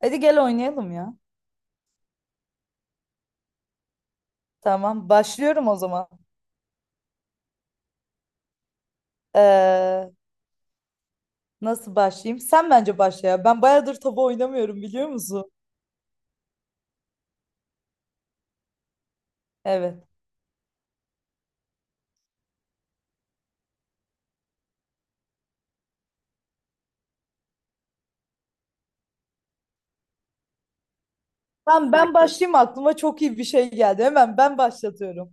Hadi gel oynayalım ya. Tamam, başlıyorum o zaman. Ee, Nasıl başlayayım? Sen bence başla ya. Ben bayağıdır tabu oynamıyorum biliyor musun? Evet. Tamam ben başlayayım aklıma çok iyi bir şey geldi. Hemen ben başlatıyorum.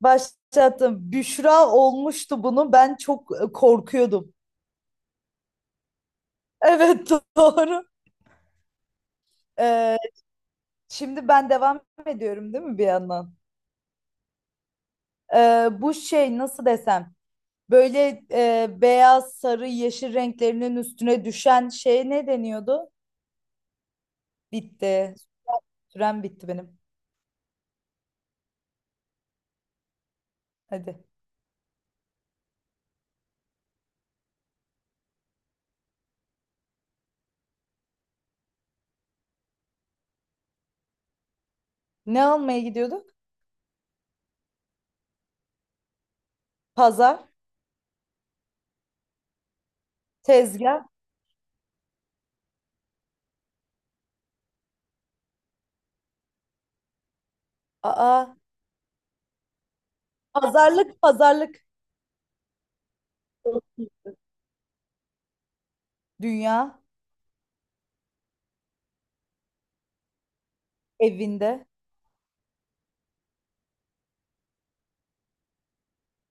Başlattım. Büşra olmuştu bunu. Ben çok korkuyordum. Evet doğru. Ee, Şimdi ben devam ediyorum değil mi bir yandan? Bu şey nasıl desem? Böyle beyaz, sarı, yeşil renklerinin üstüne düşen şey ne deniyordu? Bitti. Sürem bitti benim. Hadi. Ne almaya gidiyorduk? Pazar, tezgah. Aa, pazarlık, pazarlık. Dünya, evinde,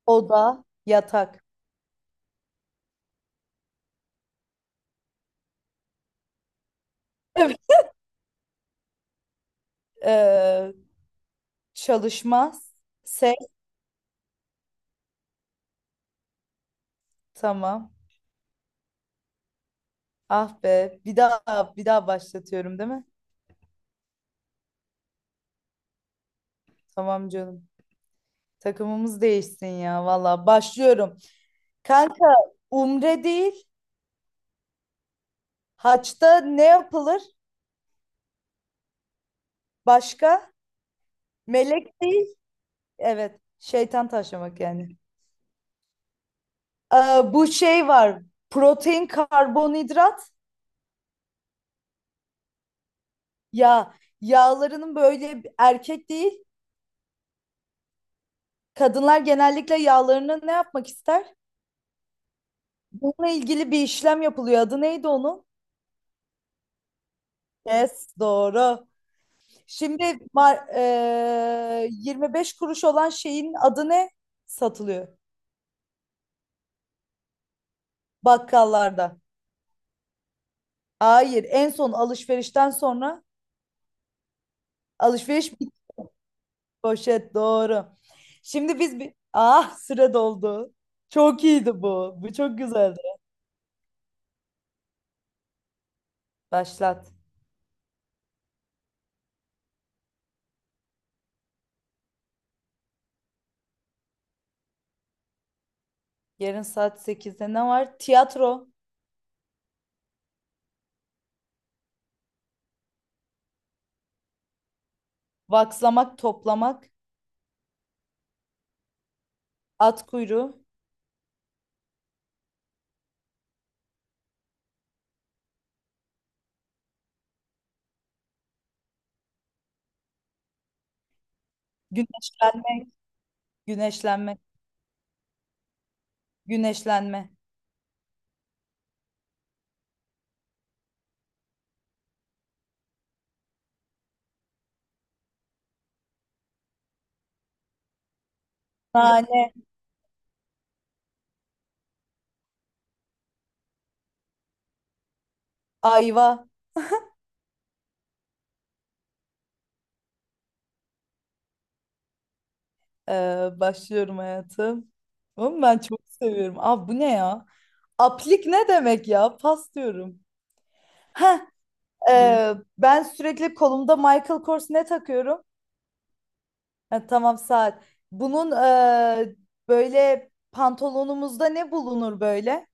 oda, yatak. Evet. Ee, Çalışmaz. Ses. Tamam. Ah be. Bir daha başlatıyorum değil mi? Tamam canım. Takımımız değişsin ya. Valla başlıyorum. Kanka, umre değil. Haçta ne yapılır? Başka? Melek değil. Evet. Şeytan taşlamak yani. Ee, Bu şey var. Protein, karbonhidrat. Ya yağlarının böyle erkek değil. Kadınlar genellikle yağlarını ne yapmak ister? Bununla ilgili bir işlem yapılıyor. Adı neydi onun? Yes, doğru. Şimdi 25 kuruş olan şeyin adı ne? Satılıyor bakkallarda. Hayır, en son alışverişten sonra alışveriş. Poşet doğru. Şimdi biz bir... Ah süre doldu. Çok iyiydi bu. Bu çok güzeldi. Başlat. Yarın saat 8'de ne var? Tiyatro, vakslamak, toplamak, at kuyruğu, güneşlenmek, güneşlenme, güneşlenme. Nane, ayva. Başlıyorum hayatım. Oğlum ben çok seviyorum. Aa bu ne ya? Aplik ne demek ya? Pas diyorum. Heh, ben sürekli kolumda Michael Kors ne takıyorum? Ha, tamam saat. Bunun böyle pantolonumuzda ne bulunur böyle?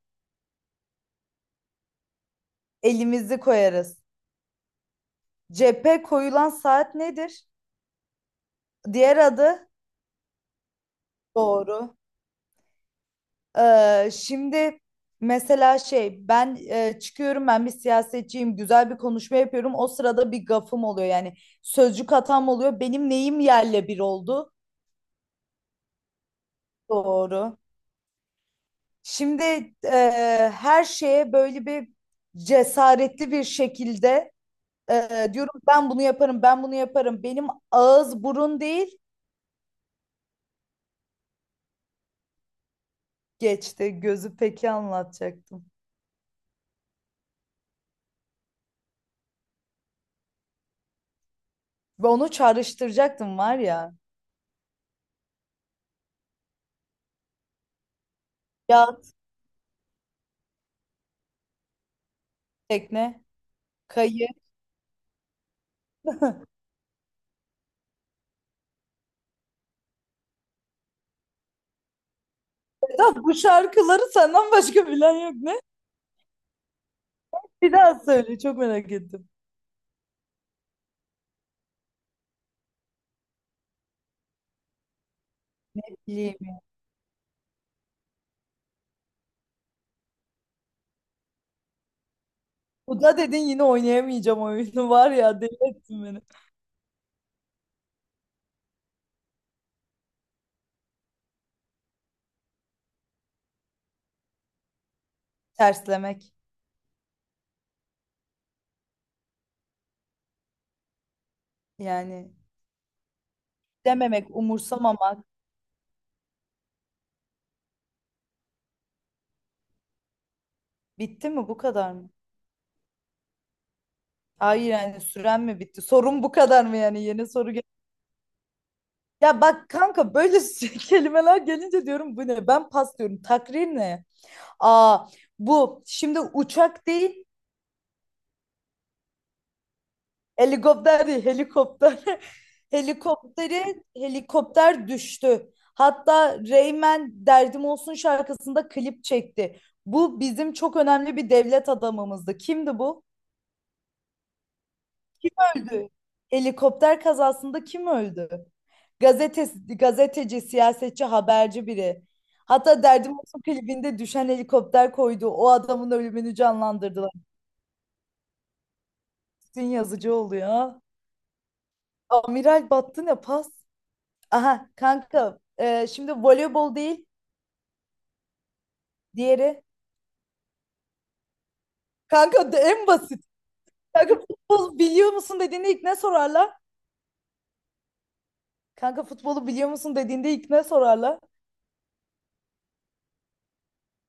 Elimizi koyarız. Cephe koyulan saat nedir? Diğer adı doğru. Şimdi mesela şey ben çıkıyorum ben bir siyasetçiyim güzel bir konuşma yapıyorum. O sırada bir gafım oluyor yani sözcük hatam oluyor. Benim neyim yerle bir oldu? Doğru. Şimdi her şeye böyle bir cesaretli bir şekilde. Diyorum ben bunu yaparım, ben bunu yaparım. Benim ağız burun değil. Geçti gözü peki anlatacaktım. Ve onu çağrıştıracaktım var ya. Yat, tekne, kayı. Sedat, bu şarkıları senden başka bilen yok ne? Bir daha söyle çok merak ettim. İyiyim. Bu da dedin yine oynayamayacağım oyunu var ya deli ettin beni. Terslemek yani dememek, umursamamak. Bitti mi bu kadar mı? Hayır yani süren mi bitti? Sorun bu kadar mı yani? Yeni soru. Ya bak kanka böyle kelimeler gelince diyorum bu ne? Ben pas diyorum. Takrir ne? Aa bu şimdi uçak değil, helikopter değil helikopter. Helikopteri helikopter düştü. Hatta Reymen Derdim Olsun şarkısında klip çekti. Bu bizim çok önemli bir devlet adamımızdı. Kimdi bu? Kim öldü? Helikopter kazasında kim öldü? Gazetesi, gazeteci, siyasetçi, haberci biri. Hatta Derdim Olsun klibinde düşen helikopter koydu. O adamın ölümünü canlandırdılar. Bütün yazıcı oluyor. Amiral battı ne pas? Aha kanka şimdi voleybol değil diğeri. Kanka en basit. Kanka futbol biliyor musun dediğinde ilk ne sorarlar? Kanka futbolu biliyor musun dediğinde ilk ne sorarlar?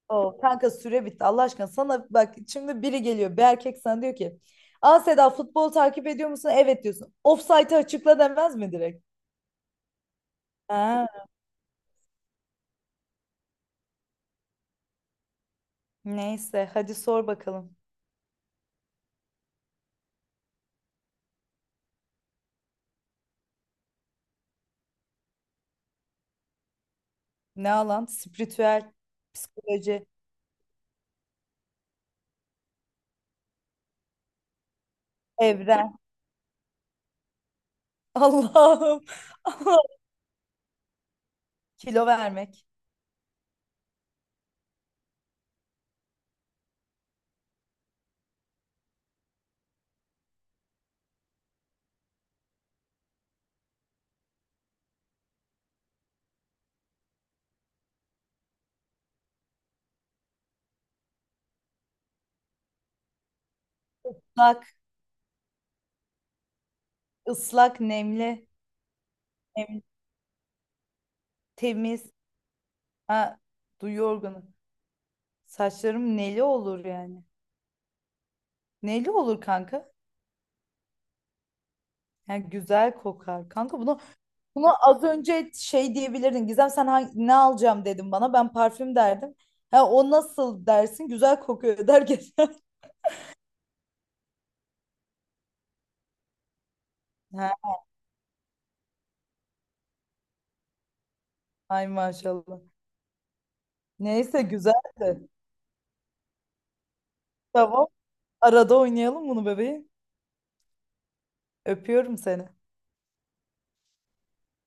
O kanka süre bitti Allah aşkına sana bak şimdi biri geliyor bir erkek sana diyor ki, aa Seda futbol takip ediyor musun? Evet diyorsun. Ofsaytı açıkla demez mi direkt? Ha, neyse hadi sor bakalım. Ne alan? Spiritüel, psikoloji, evren. Allah'ım. Kilo vermek. Islak, ıslak, nemli, nemli, temiz. Ha, duyu organı. Saçlarım neli olur yani. Neli olur kanka? Yani güzel kokar. Kanka bunu. Bunu az önce şey diyebilirdin. Gizem sen ne alacağım dedim bana. Ben parfüm derdim. Ha, o nasıl dersin? Güzel kokuyor der geçer. Ha, ay maşallah. Neyse güzeldi. Tamam. Arada oynayalım bunu bebeğim. Öpüyorum seni.